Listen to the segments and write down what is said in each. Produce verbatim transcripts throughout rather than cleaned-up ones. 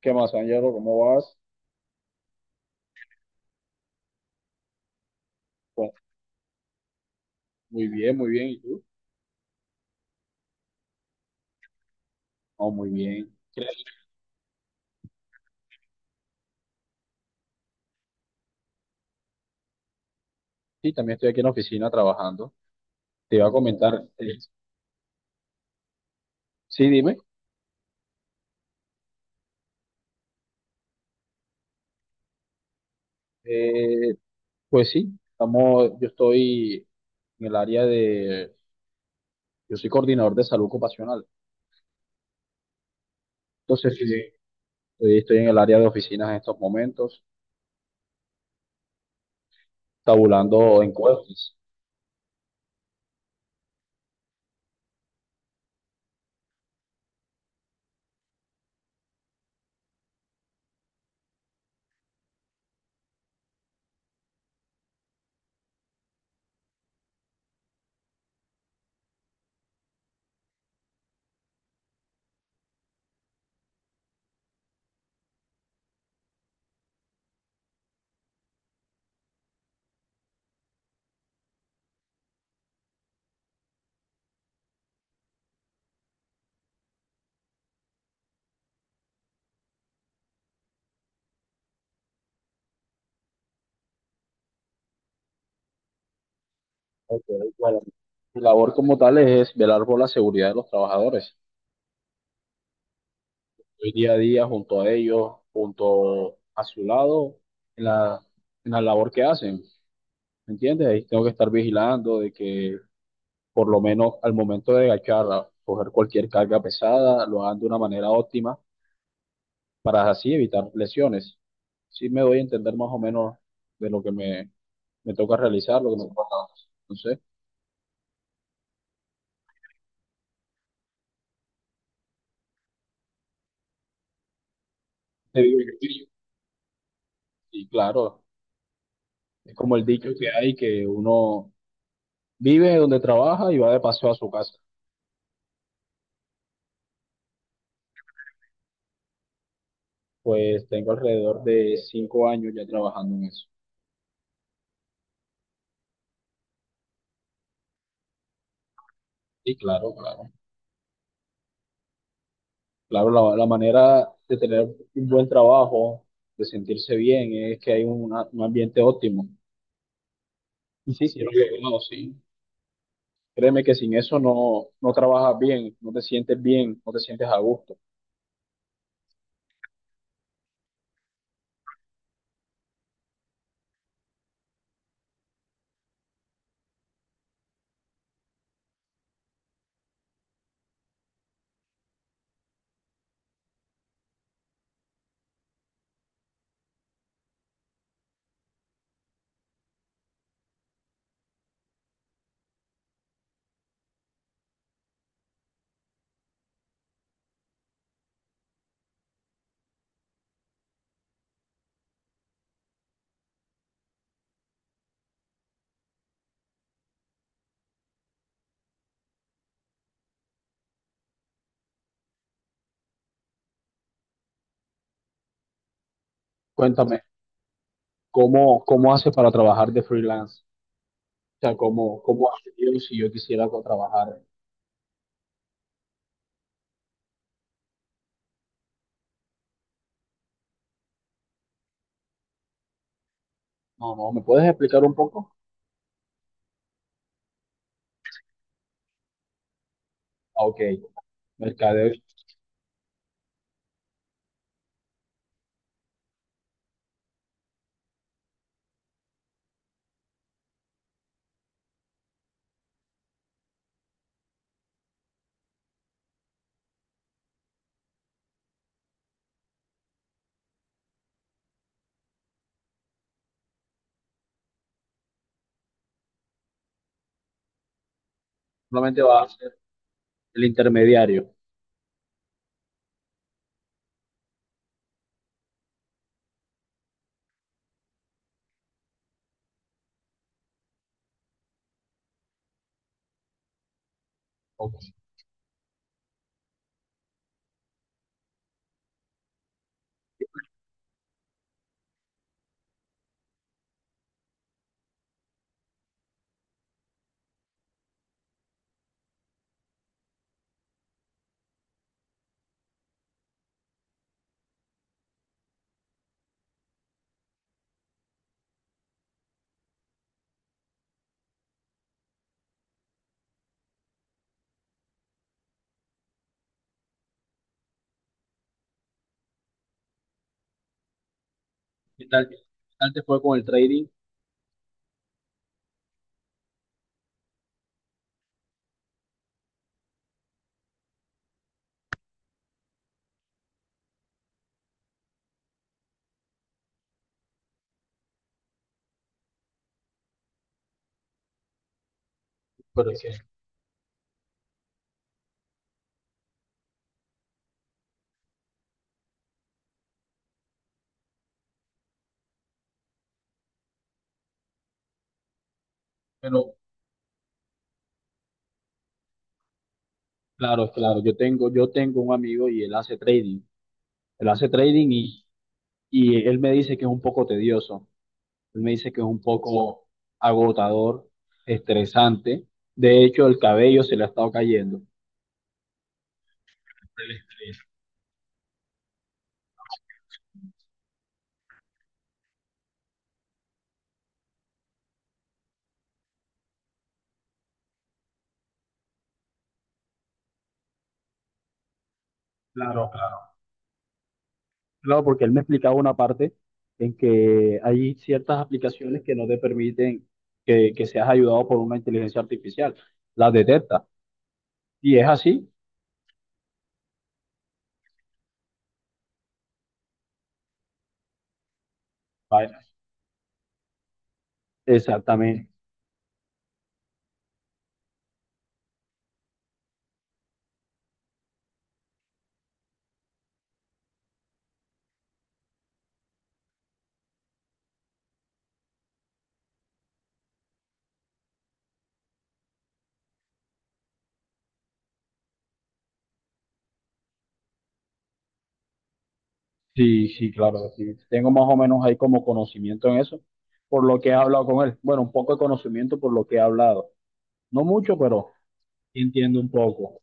¿Qué más, Ángelo? ¿Cómo vas? Pues, muy bien, muy bien. ¿Y tú? Oh, muy bien. Sí, también estoy aquí en la oficina trabajando. Te iba a comentar. eh, sí, dime. Eh, pues sí, estamos, yo estoy en el área de... Yo soy coordinador de salud ocupacional. Entonces, sí, estoy, estoy en el área de oficinas en estos momentos, tabulando encuestas. Ok, bueno. Mi labor como tal es velar por la seguridad de los trabajadores. Estoy día a día junto a ellos, junto a su lado, en la, en la labor que hacen, ¿me entiendes? Ahí tengo que estar vigilando de que por lo menos al momento de agachar, a coger cualquier carga pesada, lo hagan de una manera óptima para así evitar lesiones. Sí me doy a entender más o menos de lo que me, me toca realizar, lo que me toca hacer. Entonces, se vive el brillo. Y claro, es como el dicho que hay, que uno vive donde trabaja y va de paseo a su casa. Pues tengo alrededor de cinco años ya trabajando en eso. Y claro, claro. Claro, la, la manera de tener un buen trabajo, de sentirse bien, es que hay una- un ambiente óptimo. Y sí, y yo sí lo he logrado, sí. Créeme que sin eso no, no trabajas bien, no te sientes bien, no te sientes a gusto. Cuéntame, ¿cómo, cómo haces para trabajar de freelance? O sea, ¿cómo, cómo haces yo si yo quisiera co- trabajar? No, no, ¿me puedes explicar un poco? Ah, ok, mercadeo, solamente va a ser el intermediario. Ok. ¿Qué tal, qué tal te fue con el trading? Pero, es que- pero claro, claro, yo tengo, yo tengo un amigo y él hace trading. Él hace trading y, y él me dice que es un poco tedioso. Él me dice que es un poco agotador, estresante. De hecho, el cabello se le ha estado cayendo. El estrés. Claro, claro. Claro, porque él me explicaba una parte en que hay ciertas aplicaciones que no te permiten que, que seas ayudado por una inteligencia artificial. Las detecta. Y es así. Exactamente. Sí, sí, claro, sí. Tengo más o menos ahí como conocimiento en eso, por lo que he hablado con él. Bueno, un poco de conocimiento por lo que he hablado. No mucho, pero sí entiendo un poco.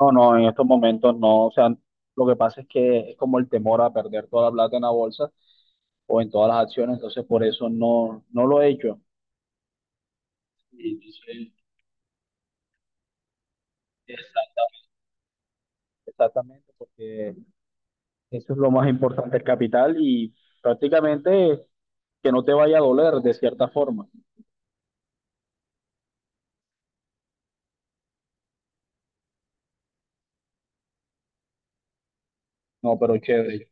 No, no, en estos momentos no. O sea, lo que pasa es que es como el temor a perder toda la plata en la bolsa o en todas las acciones, entonces por eso no, no lo he hecho. Y entonces, exacta- exactamente, porque eso es lo más importante, el capital y prácticamente que no te vaya a doler de cierta forma. No, pero chévere,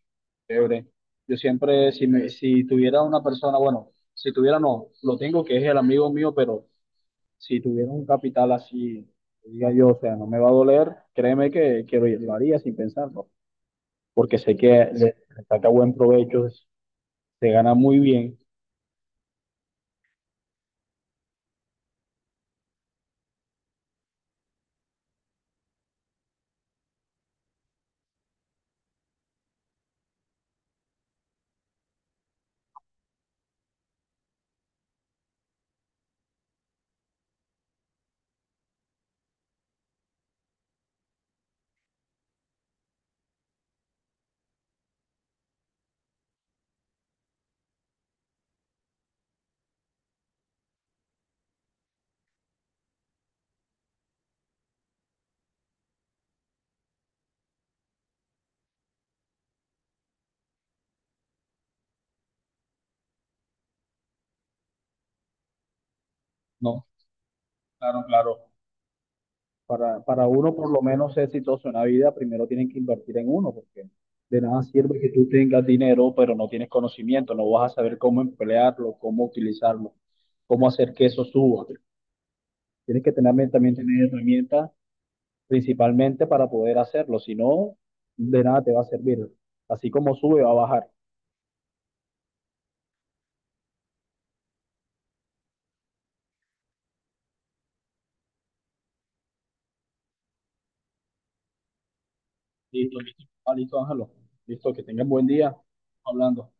chévere. Yo siempre, si, me, si tuviera una persona, bueno, si tuviera no, lo tengo que es el amigo mío, pero si tuviera un capital así, que diga yo, o sea, no me va a doler, créeme que, que lo, lo haría sin pensarlo, porque sé que le, le saca buen provecho, se gana muy bien, ¿no? Claro, claro. Para, para uno por lo menos ser exitoso en la vida, primero tienen que invertir en uno, porque de nada sirve que tú tengas dinero, pero no tienes conocimiento, no vas a saber cómo emplearlo, cómo utilizarlo, cómo hacer que eso suba. Tienes que tener, también tener herramientas principalmente para poder hacerlo, si no, de nada te va a servir. Así como sube, va a bajar. Listo, listo, ah, listo, Ángelo. Listo, que tengan buen día. Hablando.